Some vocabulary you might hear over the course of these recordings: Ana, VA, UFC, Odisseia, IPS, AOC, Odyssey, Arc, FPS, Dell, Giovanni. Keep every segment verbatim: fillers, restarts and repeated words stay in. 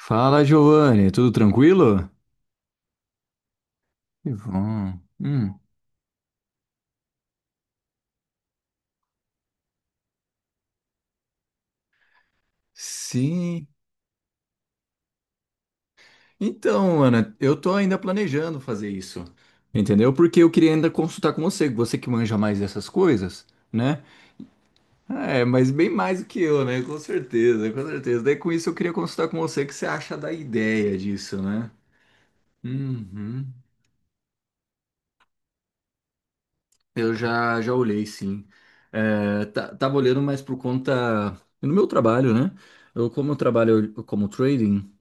Fala, Giovanni, tudo tranquilo? Que bom. Hum, sim. Então, Ana, eu tô ainda planejando fazer isso, entendeu? Porque eu queria ainda consultar com você, você que manja mais dessas coisas, né? É, mas bem mais do que eu, né? Com certeza, com certeza. Daí com isso eu queria consultar com você o que você acha da ideia disso, né? Uhum. Eu já, já olhei, sim. É, tá- tava olhando mais por conta no meu trabalho, né? Eu, como eu trabalho como trading.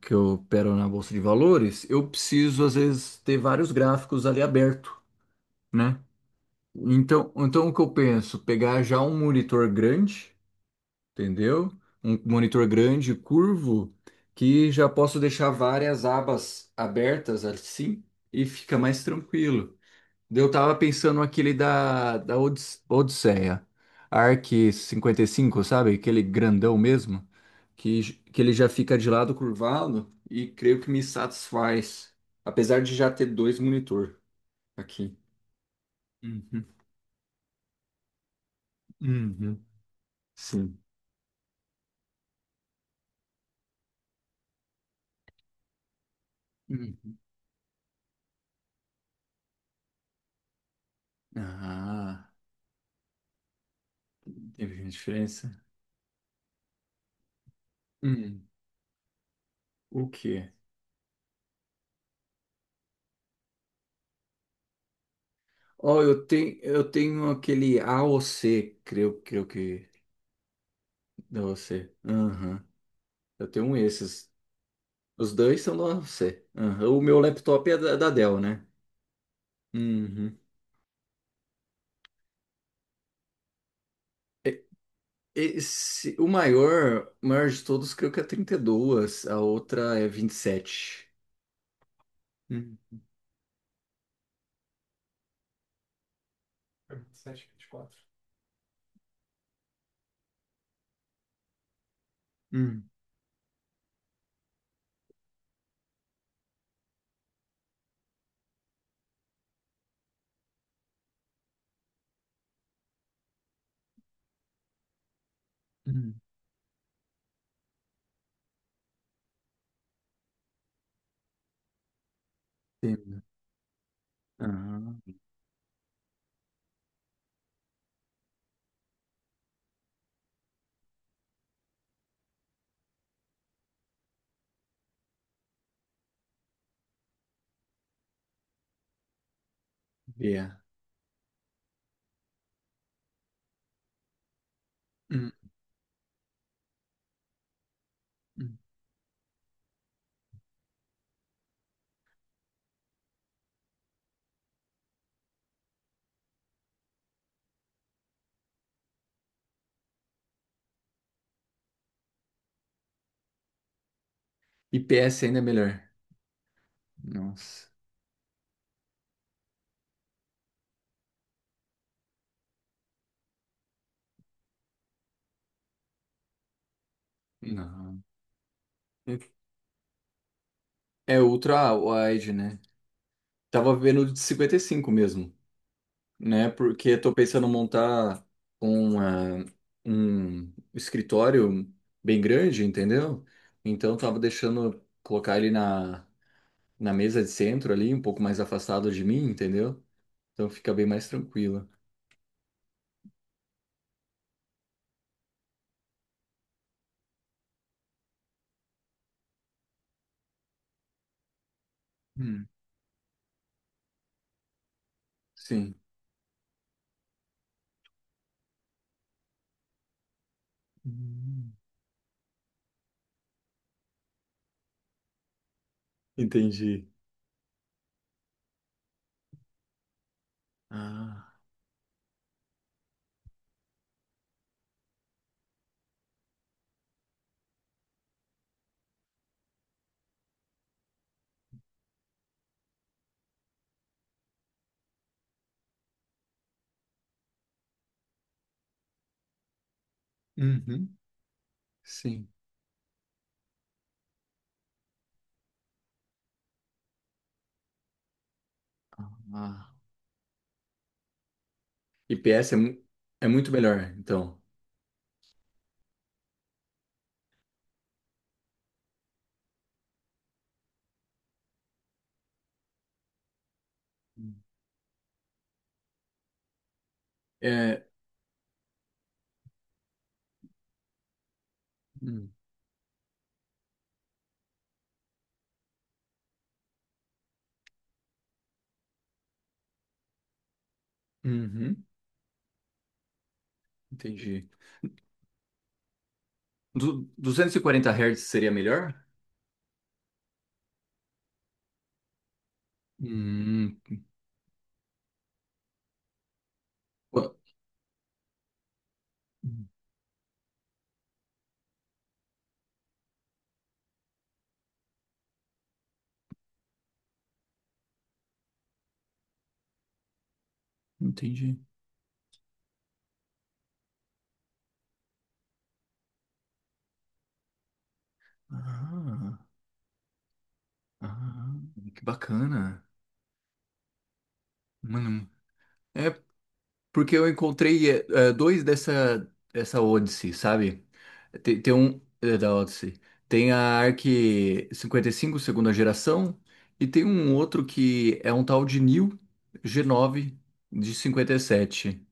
Que eu opero na bolsa de valores, eu preciso às vezes ter vários gráficos ali aberto, né? Então, então o que eu penso? Pegar já um monitor grande, entendeu? Um monitor grande, curvo, que já posso deixar várias abas abertas assim e fica mais tranquilo. Eu tava pensando aquele da, da Odis- Odisseia, Arc cinquenta e cinco, sabe? Aquele grandão mesmo, que, j- que ele já fica de lado curvado e creio que me satisfaz, apesar de já ter dois monitor aqui. Uhum. Uhum. Sim. Hum. Ah, teve uma diferença? Hum. O quê? Ó, eu tenho, eu tenho aquele A AOC, creio, creio que da A O C. Aham. Eu tenho um esses. Os dois são da U F C. Aham. O meu laptop é da, da Dell, né? Uhum. E- Esse, o maior, o maior de todos, creio que é trinta e dois, a outra é vinte e sete. Hum. É vinte e sete, vinte e quatro. Hum. Hum. Entendo. Aham. Yeah. Hum. Hum. E P S ainda é melhor. Nossa. Não. É ultra wide, né? Tava vendo o de cinquenta e cinco mesmo. Né? Porque estou pensando em montar um, ah, um escritório bem grande, entendeu? Então estava deixando colocar ele na, na mesa de centro ali, um pouco mais afastado de mim, entendeu? Então fica bem mais tranquilo. Hum. Sim. Hum. Entendi. Ah. Uhum. Sim. Ah. I P S é, mu- é muito melhor, então. É. hum, uhum, entendi. Du duzentos e quarenta hertz Hz seria melhor? Hum, pô, hum, entendi. Ah, ah, que bacana. Mano, é porque eu encontrei é, é, dois dessa, dessa Odyssey, sabe? Tem, tem um é, da Odyssey. Tem a Arc cinquenta e cinco segunda geração, e tem um outro que é um tal de New g nove de cinquenta e sete,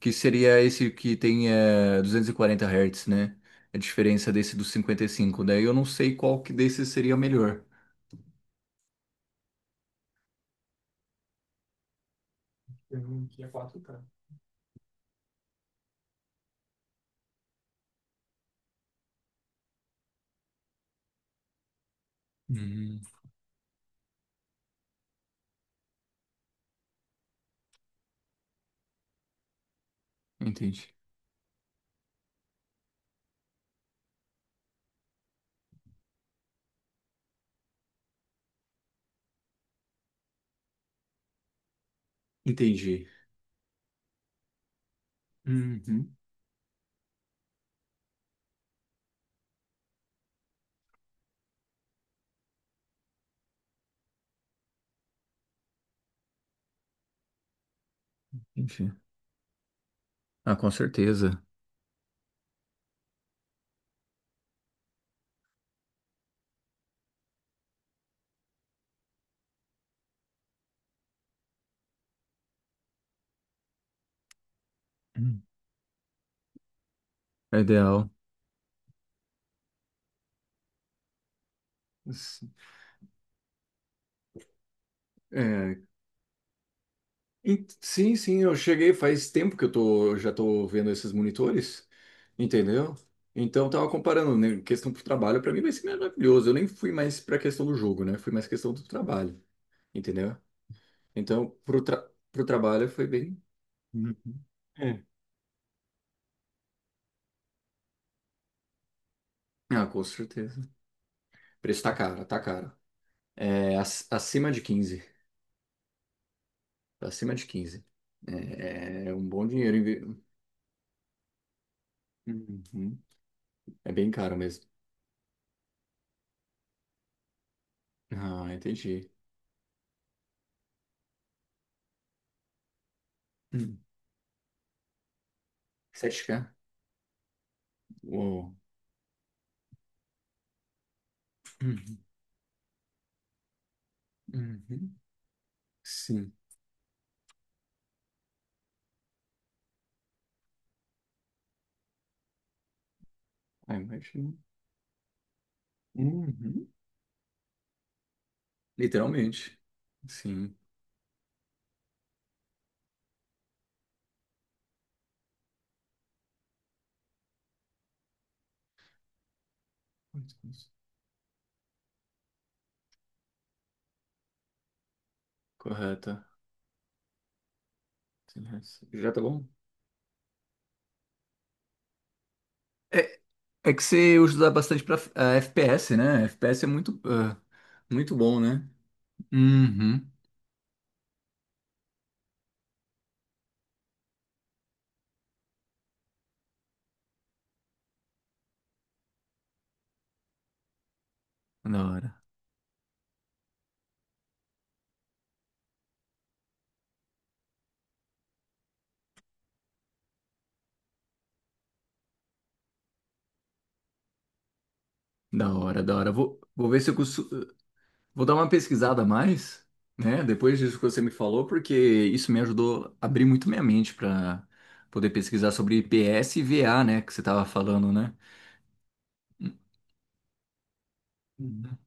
que seria esse que tem eh, duzentos e quarenta hertz Hz, né? A diferença desse dos cinquenta e cinco. Daí eu não sei qual que desses seria melhor. Eu queria quatro K. Hum, entendi. Entendi. Uhum. Entendi. Ah, com certeza. Hum. É ideal. S- é, en- sim, sim, eu cheguei faz tempo que eu tô, já tô vendo esses monitores, entendeu? Então eu tava comparando, né, questão pro trabalho, para mim vai ser maravilhoso. Eu nem fui mais pra questão do jogo, né? Fui mais questão do trabalho, entendeu? Então, pro, tra pro trabalho foi bem. Uhum. É. Ah, com certeza. O preço tá caro, tá caro. É, ac- acima de quinze. Acima de quinze. É, é um bom dinheiro. Em vi- Uhum. É bem caro mesmo. Ah, entendi. Hum. sete K? Uou. Uhum. Uhum. Sim. Ah, imagino. Uhum. Literalmente. Sim. Correta. Já tá bom? É. É que você usa usar bastante para F P S, né? F P S é muito, ah, muito bom, né? Uhum. Da hora, da hora, da hora. Vou, vou ver se eu consigo. Vou dar uma pesquisada a mais, né? Depois disso que você me falou, porque isso me ajudou a abrir muito minha mente para poder pesquisar sobre I P S e V A, né? Que você tava falando, né? Uhum.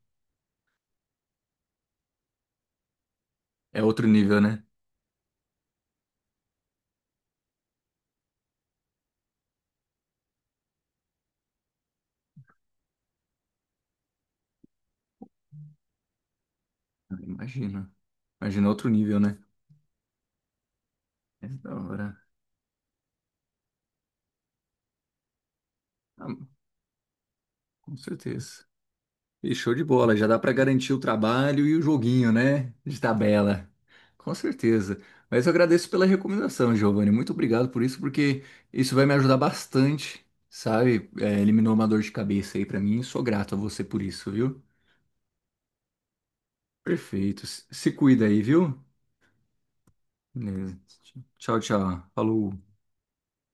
É outro nível, né? Imagina. Imagina outro nível, né? É da hora. Ah, com certeza. E show de bola, já dá para garantir o trabalho e o joguinho, né? De tabela. Com certeza. Mas eu agradeço pela recomendação, Giovanni. Muito obrigado por isso, porque isso vai me ajudar bastante, sabe? É, eliminou uma dor de cabeça aí para mim. Sou grato a você por isso, viu? Perfeito. Se se cuida aí, viu? Beleza. Tchau, tchau. Falou.